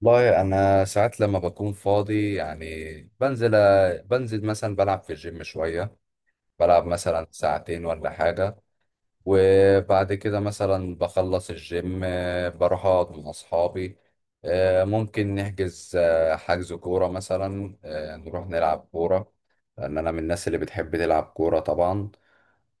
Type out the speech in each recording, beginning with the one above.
والله انا ساعات لما بكون فاضي يعني بنزل بنزل مثلا بلعب في الجيم شويه. بلعب مثلا ساعتين ولا حاجه. وبعد كده مثلا بخلص الجيم، بروح اقعد مع اصحابي. ممكن نحجز، حجز كوره مثلا، نروح نلعب كوره. لان انا من الناس اللي بتحب تلعب كوره طبعا،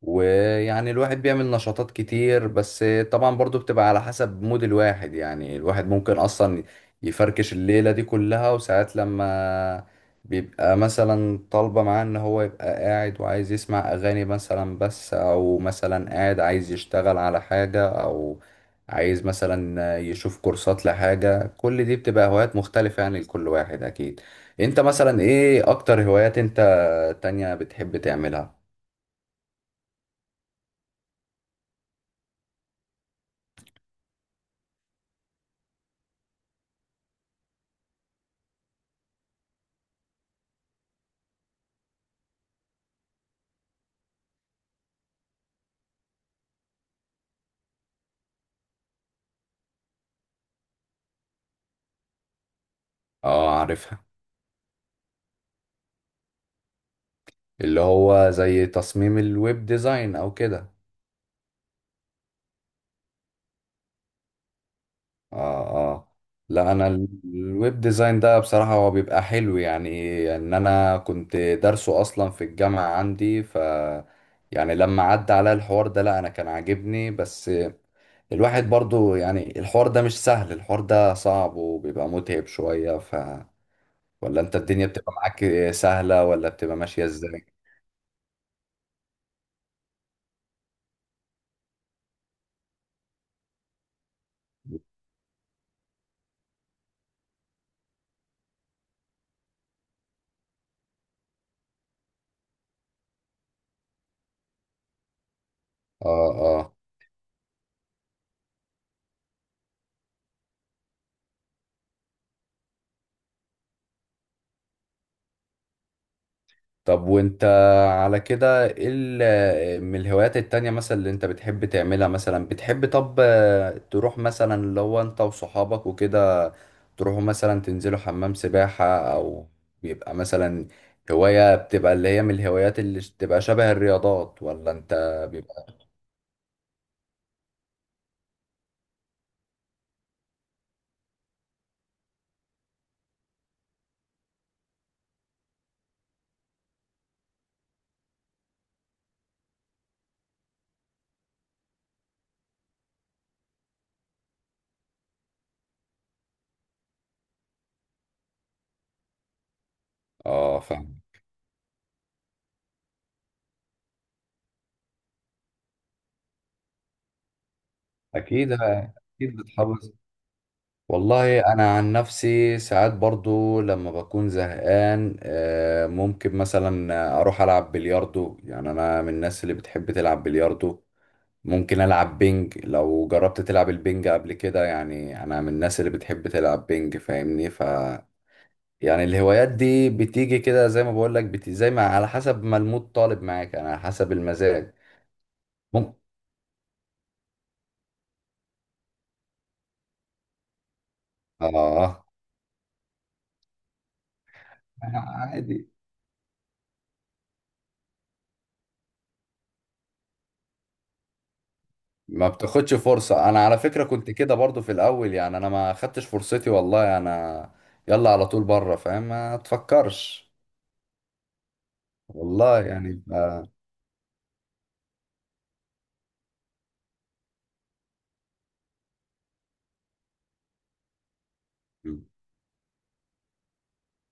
ويعني الواحد بيعمل نشاطات كتير. بس طبعا برضو بتبقى على حسب مود الواحد، يعني الواحد ممكن اصلا يفركش الليلة دي كلها. وساعات لما بيبقى مثلا طالبة معاه ان هو يبقى قاعد وعايز يسمع اغاني مثلا بس، او مثلا قاعد عايز يشتغل على حاجة، او عايز مثلا يشوف كورسات لحاجة. كل دي بتبقى هوايات مختلفة يعني لكل واحد اكيد. انت مثلا ايه اكتر هوايات انت تانية بتحب تعملها؟ اه عارفها. اللي هو زي تصميم الويب ديزاين او كده؟ اه. اه. لا انا الويب ديزاين ده بصراحة هو بيبقى حلو يعني. ان انا كنت دارسه اصلا في الجامعة عندي، ف يعني لما عدى عليا الحوار ده، لا انا كان عاجبني. بس الواحد برضو يعني الحوار ده مش سهل، الحوار ده صعب وبيبقى متعب شوية. ف ولا انت الدنيا بتبقى معاك سهلة، ولا بتبقى ماشية ازاي؟ اه. آه. طب وانت على كده ايه من الهوايات التانية مثلا اللي انت بتحب تعملها؟ مثلا بتحب طب، تروح مثلا اللي هو انت وصحابك وكده تروحوا مثلا تنزلوا حمام سباحة؟ او بيبقى مثلا هواية بتبقى اللي هي من الهوايات اللي بتبقى شبه الرياضات ولا؟ انت بيبقى. اه فاهم. اكيد اكيد بتحافظ. والله انا عن نفسي ساعات برضو لما بكون زهقان، ممكن مثلا اروح العب بلياردو. يعني انا من الناس اللي بتحب تلعب بلياردو. ممكن العب بينج، لو جربت تلعب البينج قبل كده. يعني انا من الناس اللي بتحب تلعب بينج، فاهمني. ف يعني الهوايات دي بتيجي كده زي ما بقول لك، زي ما على حسب ما المود طالب معاك. انا على حسب المزاج. ممكن. اه. عادي. ما بتاخدش فرصة. انا على فكرة كنت كده برضو في الاول، يعني انا ما خدتش فرصتي، والله. انا يلا على طول بره، فاهم؟ ما تفكرش. والله يعني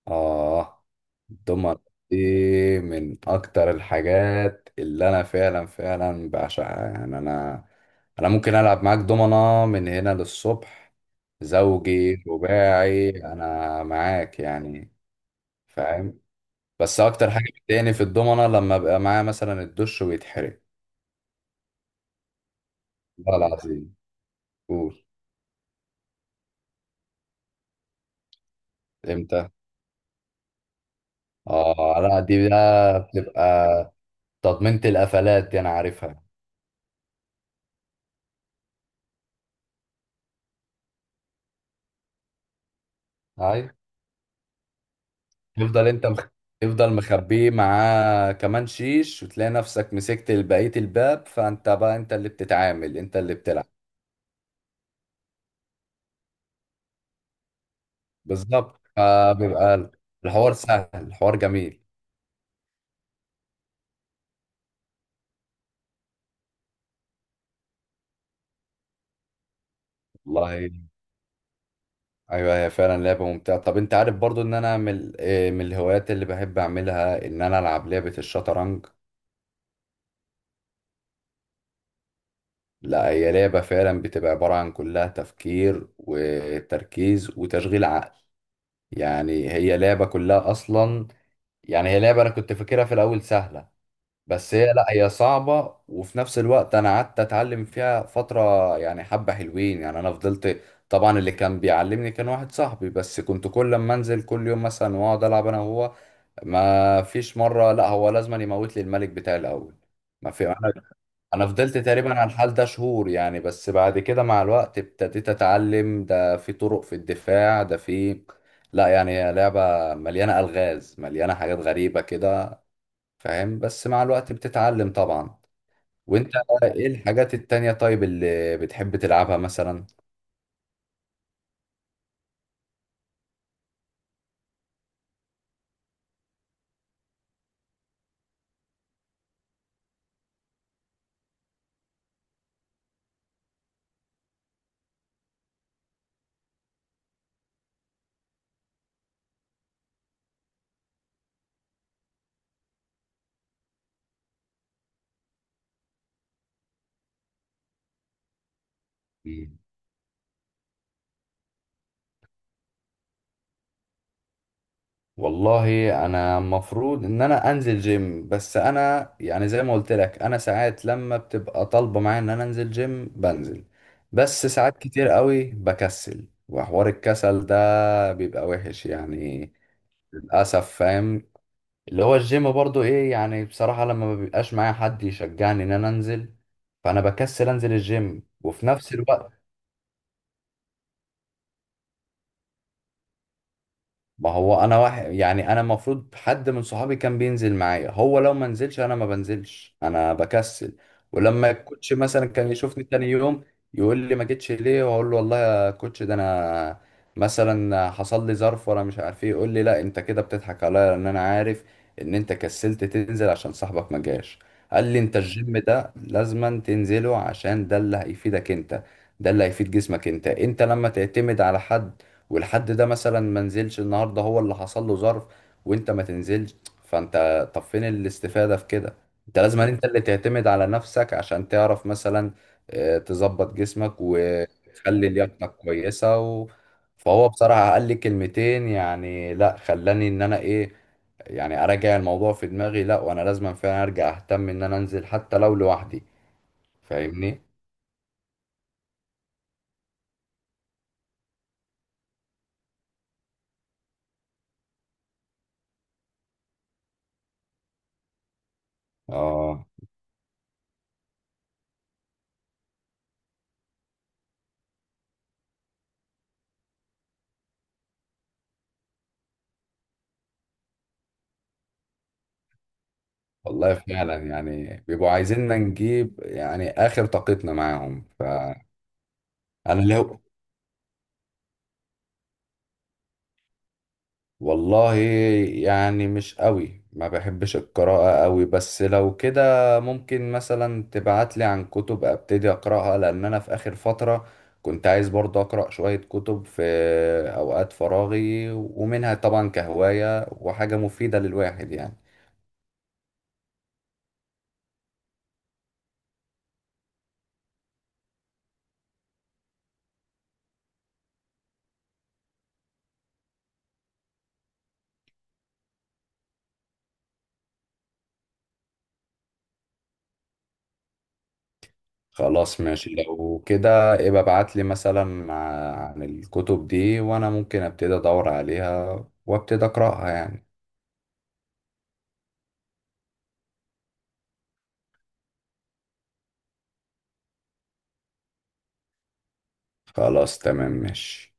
اه. الدمر دي من اكتر الحاجات اللي انا فعلا فعلا بعشقها يعني. انا ممكن العب معاك دومنة من هنا للصبح. زوجي رباعي انا معاك يعني. فاهم. بس اكتر حاجه بتضايقني في الضمنه، لما ابقى معايا مثلا الدش ويتحرق. والله العظيم. قول. امتى؟ اه، لا دي بقى بتبقى تضمينة القفلات، دي انا عارفها. هاي. تفضل انت تفضل مخبيه معاه كمان شيش، وتلاقي نفسك مسكت بقيه الباب، فانت بقى انت اللي بتتعامل، انت اللي بتلعب. بالظبط، فبيبقى الحوار سهل، الحوار جميل. والله ايوه، هي فعلا لعبه ممتعه. طب انت عارف برضو ان انا من من الهوايات اللي بحب اعملها، ان انا العب لعبه الشطرنج. لا هي لعبه فعلا بتبقى عباره عن كلها تفكير وتركيز وتشغيل عقل. يعني هي لعبه كلها اصلا. يعني هي لعبه انا كنت فاكرها في الاول سهله، بس هي لا، هي صعبة. وفي نفس الوقت أنا قعدت أتعلم فيها فترة، يعني حبة حلوين. يعني أنا فضلت، طبعا اللي كان بيعلمني كان واحد صاحبي، بس كنت كل ما أنزل كل يوم مثلا وأقعد ألعب أنا وهو، ما فيش مرة لا هو لازم يموت لي الملك بتاعي الأول. ما في أنا. أنا فضلت تقريبا على الحال ده شهور يعني، بس بعد كده مع الوقت ابتديت أتعلم، ده في طرق، في الدفاع، ده في، لا يعني هي لعبة مليانة ألغاز، مليانة حاجات غريبة كده، فاهم. بس مع الوقت بتتعلم طبعا. وانت ايه الحاجات التانية طيب اللي بتحب تلعبها مثلا؟ مم. والله انا المفروض ان انا انزل جيم، بس انا يعني زي ما قلت لك، انا ساعات لما بتبقى طالبة معايا ان انا انزل جيم بنزل. بس ساعات كتير قوي بكسل، وحوار الكسل ده بيبقى وحش يعني. للاسف فاهم. اللي هو الجيم برضو ايه يعني، بصراحة لما ما بيبقاش معايا حد يشجعني ان انا انزل، فانا بكسل انزل الجيم. وفي نفس الوقت ما هو انا واحد، يعني انا المفروض حد من صحابي كان بينزل معايا، هو لو ما نزلش انا ما بنزلش، انا بكسل. ولما الكوتش مثلا كان يشوفني تاني يوم يقول لي ما جيتش ليه؟ واقول له والله يا كوتش، ده انا مثلا حصل لي ظرف وانا مش عارف ايه. يقول لي لا انت كده بتضحك عليا، لان انا عارف ان انت كسلت تنزل عشان صاحبك ما جاش. قال لي انت الجيم ده لازما تنزله، عشان ده اللي هيفيدك انت، ده اللي هيفيد جسمك. انت لما تعتمد على حد، والحد ده مثلا ما نزلش النهارده، هو اللي حصل له ظرف، وانت ما تنزلش، فانت طب فين الاستفادة في كده؟ انت لازم انت اللي تعتمد على نفسك، عشان تعرف مثلا تظبط جسمك وتخلي لياقتك كويسة. فهو بصراحة قال لي كلمتين، يعني لا خلاني ان انا ايه، يعني اراجع الموضوع في دماغي. لا وانا لازم فعلا ارجع اهتم ان انا انزل حتى لو لوحدي. فاهمني. اه. والله فعلا، يعني بيبقوا عايزيننا نجيب يعني آخر طاقتنا معاهم، فأنا لو والله يعني مش قوي، ما بحبش القراءة قوي. بس لو كده ممكن مثلا تبعتلي عن كتب أبتدي أقرأها، لأن أنا في آخر فترة كنت عايز برضه أقرأ شوية كتب في أوقات فراغي، ومنها طبعا كهواية وحاجة مفيدة للواحد يعني. خلاص ماشي، لو كده ابقى ابعت لي مثلا عن الكتب دي، وانا ممكن ابتدي ادور عليها وابتدي اقراها يعني. خلاص تمام ماشي.